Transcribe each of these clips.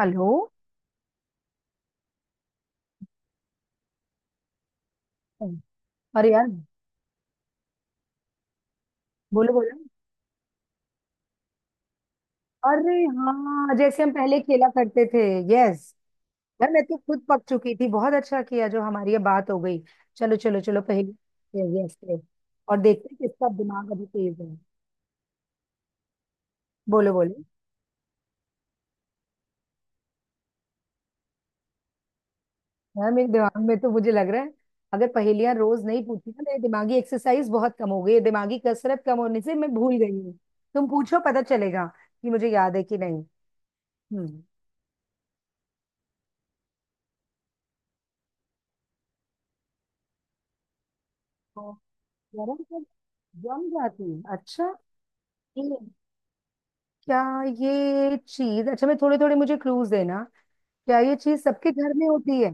Hello. अरे यार, बोलो बोलो। अरे हाँ, जैसे हम पहले खेला करते थे। यस। यार, मैं तो खुद पक चुकी थी। बहुत अच्छा किया जो हमारी ये बात हो गई। चलो चलो चलो, पहले। यस। और देखते हैं किसका दिमाग अभी तेज है। बोलो बोलो। यार, मेरे दिमाग में तो मुझे लग रहा है, अगर पहेलियां रोज नहीं पूछी ना, मेरी दिमागी एक्सरसाइज बहुत कम हो गई है। दिमागी कसरत कम होने से मैं भूल गई हूँ। तुम पूछो, पता चलेगा कि मुझे याद है कि नहीं। हम्म। और गरम से जम जाती है। अच्छा। ये- क्या? ये चीज, अच्छा, मैं थोड़े थोड़े मुझे क्लूज देना। क्या ये चीज सबके घर में होती है?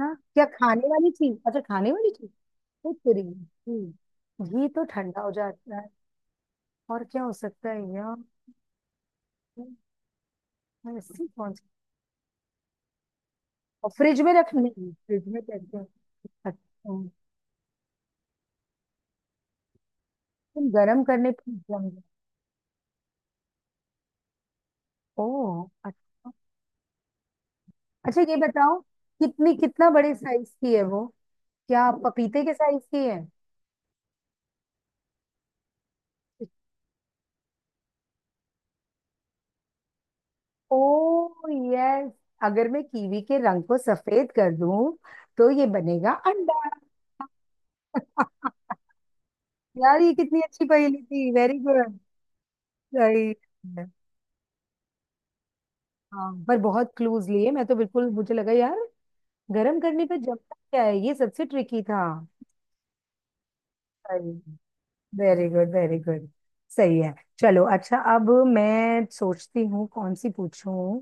हाँ, क्या खाने वाली चीज? अच्छा, खाने वाली चीज। तो तेरी ये तो ठंडा हो जाता है। और क्या हो सकता है यार? ऐसी कौन सी? और फ्रिज में रखते हैं। अच्छा, तुम। गर्म करने पे जम जाए। ओह, अच्छा। अच्छा, ये बताओ। कितनी कितना बड़े साइज की है वो? क्या पपीते के साइज की है? Oh, yes. अगर मैं कीवी के रंग को सफेद कर दूं, तो ये बनेगा अंडा। यार, ये कितनी अच्छी पहेली थी। Very good. सही है। हाँ, पर बहुत क्लूज लिए। मैं तो बिल्कुल, मुझे लगा यार, गर्म करने पे जमता क्या है, ये सबसे ट्रिकी था। Very good, very good. सही है। चलो, अच्छा, अब मैं सोचती हूँ कौन सी पूछूं।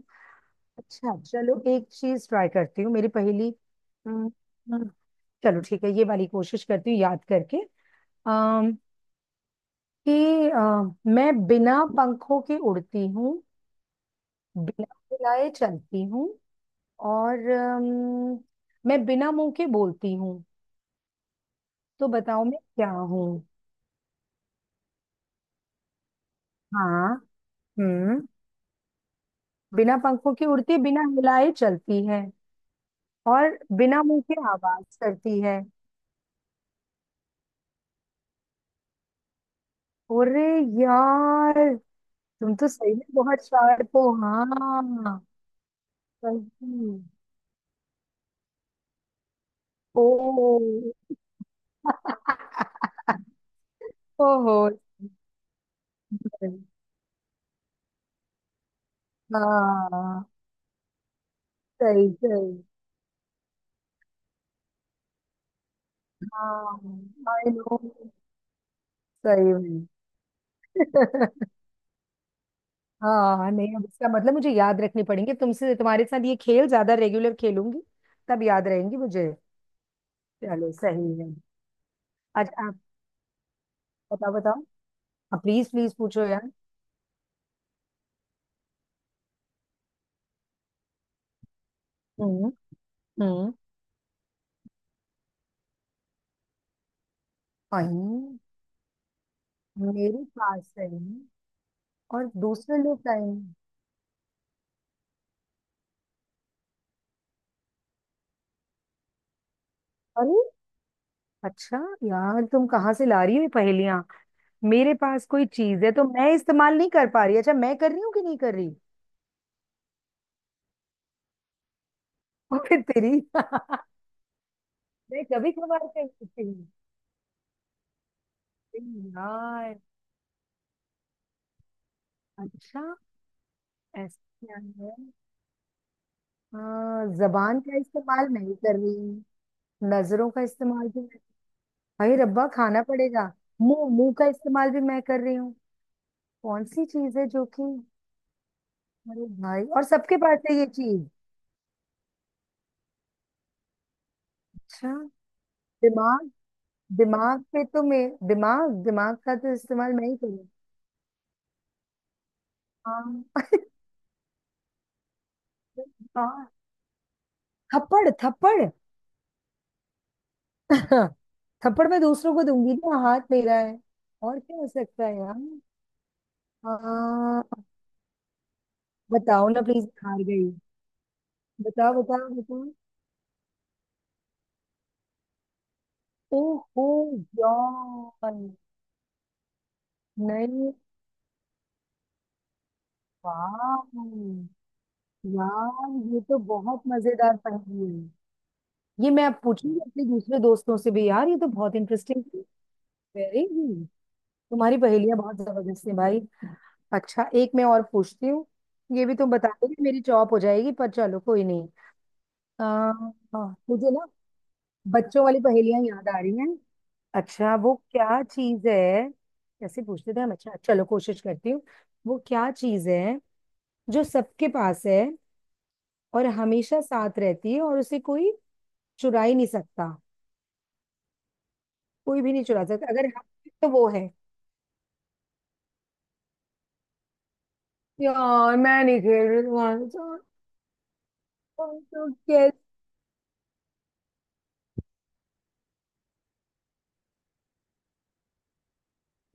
अच्छा, चलो एक चीज ट्राई करती हूँ, मेरी पहेली। हम्म, चलो ठीक है, ये वाली कोशिश करती हूँ याद करके। अम कि अ, मैं बिना पंखों के उड़ती हूँ। बिना हिलाए चलती हूँ, और मैं बिना मुंह के बोलती हूँ। तो बताओ मैं क्या हूँ? हाँ। हम्म। बिना पंखों के उड़ती, बिना हिलाए चलती है, और बिना मुंह के आवाज करती है। अरे यार, तुम तो सही में बहुत शार्प हो। हाँ। सही। ओ। ओहो। हाँ, सही, सही। हाँ, आई नो। सही में। हाँ, नहीं, अब इसका मतलब मुझे याद रखनी पड़ेंगे तुमसे। तुम्हारे साथ ये खेल ज्यादा रेगुलर खेलूंगी। तब याद रहेंगी मुझे। चलो, सही है। अच्छा, आप बताओ बताओ। आप प्लीज प्लीज पूछो यार। हम्म। हम्म। वही, मेरे पास है, और दूसरे लोग आए। अरे अच्छा यार, तुम कहाँ से ला रही हो ये पहेलियां? मेरे पास कोई चीज है तो मैं इस्तेमाल नहीं कर पा रही? अच्छा, मैं कर रही हूँ कि नहीं कर रही? और फिर तेरी। मैं कभी कभार कर सकती हूँ। अरे यार, अच्छा, ऐसा क्या है? हाँ, जबान का इस्तेमाल नहीं कर रही। नजरों का इस्तेमाल भी मैं। भाई रब्बा, खाना पड़ेगा। मुंह मुंह का इस्तेमाल भी मैं कर रही हूँ। कौन सी चीज है जो कि? अरे भाई, और सबके पास है ये चीज? अच्छा, दिमाग, दिमाग पे तो मैं, दिमाग दिमाग का तो इस्तेमाल मैं ही करूँ। हाँ हाँ। थप्पड़ थप्पड़। थप्पड़ मैं दूसरों को दूंगी ना, हाथ मेरा है। और क्या हो सकता है यार? आ, बताओ ना प्लीज, हार गई। बताओ बताओ बताओ। ओहो यार, नहीं। वाह यार, ये तो बहुत मजेदार पहेली है। ये मैं अब पूछूंगी अपने दूसरे दोस्तों से भी, यार ये तो बहुत इंटरेस्टिंग। Very good. तुम्हारी पहेलियां बहुत जबरदस्त है भाई। अच्छा, एक मैं और पूछती हूँ। ये भी तुम बता दोगे, मेरी चॉप हो जाएगी, पर चलो कोई नहीं। हाँ, मुझे ना बच्चों वाली पहेलियां याद आ रही हैं। अच्छा, वो क्या चीज है? कैसे पूछते थे हम? अच्छा, चलो कोशिश करती हूँ। वो क्या चीज है जो सबके पास है और हमेशा साथ रहती है और उसे कोई चुरा ही नहीं सकता? कोई भी नहीं चुरा सकता। अगर हम, तो वो है। यार मैं नहीं खेल रही तुम्हारे साथ। तुम तो कैसे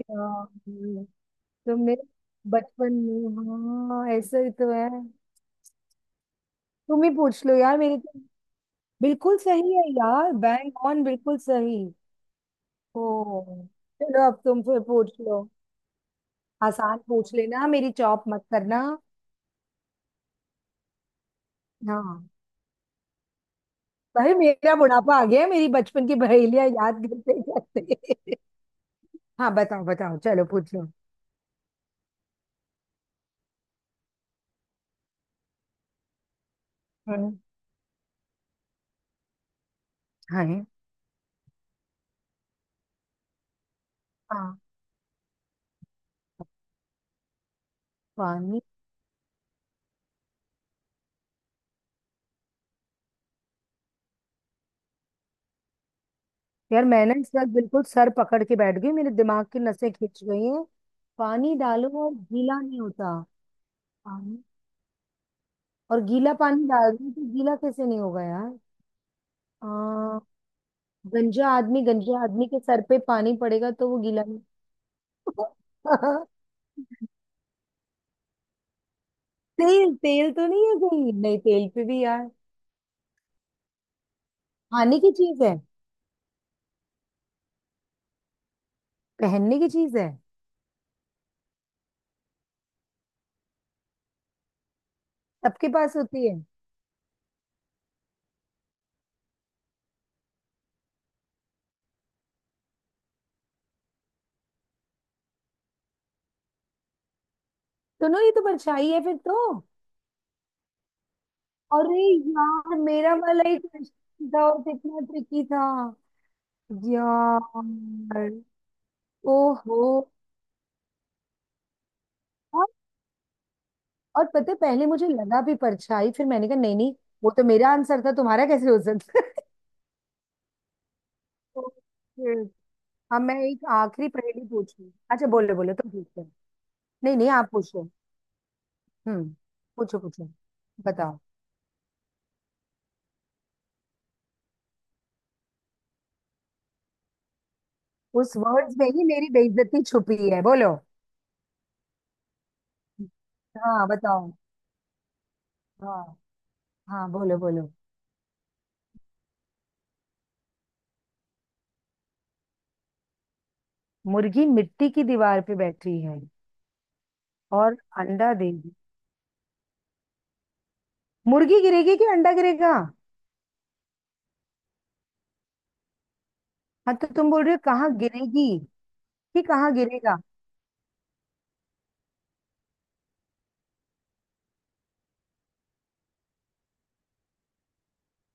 यार? तो मेरे बचपन में, हाँ, ऐसा ही तो है। तुम ही पूछ लो यार, मेरी तो। बिल्कुल सही है यार, बैंक ऑन, बिल्कुल सही। ओ। चलो, अब तुम फिर पूछ लो। आसान पूछ लेना, मेरी चॉप मत करना। हाँ भाई, मेरा बुढ़ापा आ गया है, मेरी बचपन की बहेलियां याद करते करते। हाँ, बताओ बताओ, चलो पूछ लो। हम्म। हाँ। हाँ, पानी। यार मैं ना इस बार बिल्कुल सर पकड़ के बैठ गई, मेरे दिमाग की नसें खिंच गई हैं। पानी डालो और गीला नहीं होता? हाँ। और गीला पानी डाल दूं तो गीला कैसे नहीं होगा यार? आ, गंजा आदमी के सर पे पानी पड़ेगा तो वो गीला नहीं। तेल तेल तो नहीं है, कहीं नहीं तेल पे भी यार। खाने की चीज है? पहनने की चीज है? सबके पास होती है? सुनो, ये तो परछाई है फिर तो। अरे यार, मेरा वाला ही क्वेश्चन था, और कितना ट्रिकी था यार। ओहो। और पता है, पहले मुझे लगा भी परछाई, फिर मैंने कहा नहीं नहीं। वो तो मेरा आंसर था, तुम्हारा कैसे हो सकता है?" ओके। अब मैं एक आखिरी पहेली पूछूं? अच्छा, बोलो बोलो तुम पूछते हो। नहीं नहीं, आप पूछो। हम्म। पूछो पूछो। बताओ। उस वर्ड्स में ही मेरी बेइज्जती छुपी है, बोलो। हाँ, बताओ। हाँ हाँ, बोलो बोलो। मुर्गी मिट्टी की दीवार पे बैठी है, और अंडा देगी। मुर्गी गिरेगी कि अंडा गिरेगा? हाँ, तो तुम बोल रहे हो कहाँ गिरेगी कि कहाँ गिरेगा?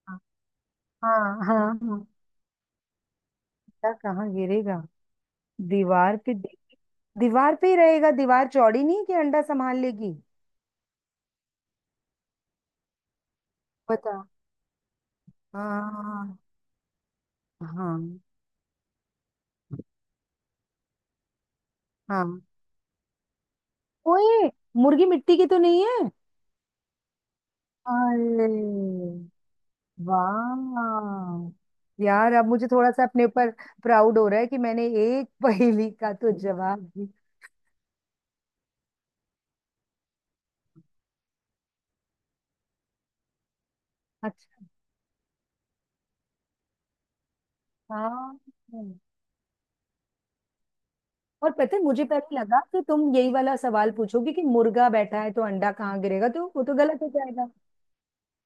हाँ हाँ हाँ हाँ। अंडा कहाँ गिरेगा? दीवार पे दे- दीवार पे ही रहेगा, दीवार चौड़ी नहीं है कि अंडा संभाल लेगी। बता। हाँ हाँ हाँ। ओए। मुर्गी मिट्टी की तो नहीं है। अरे वाह यार, अब मुझे थोड़ा सा अपने ऊपर प्राउड हो रहा है कि मैंने एक पहेली का तो जवाब दिया। अच्छा, हाँ। और पता है, मुझे पहले लगा कि तुम यही वाला सवाल पूछोगे कि मुर्गा बैठा है, तो अंडा कहाँ गिरेगा, तो वो तो गलत हो जाएगा।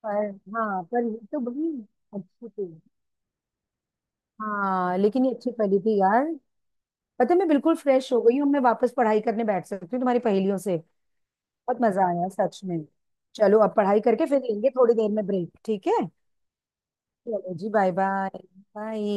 पर, हाँ, पर ये तो बड़ी अच्छी थी। हाँ, लेकिन ये अच्छी पहेली थी यार। पता है, मैं बिल्कुल फ्रेश हो गई हूँ, मैं वापस पढ़ाई करने बैठ सकती हूँ तुम्हारी पहेलियों से। बहुत मजा आया सच में। चलो, अब पढ़ाई करके फिर लेंगे थोड़ी देर में ब्रेक, ठीक है? चलो जी, बाय बाय। बाय।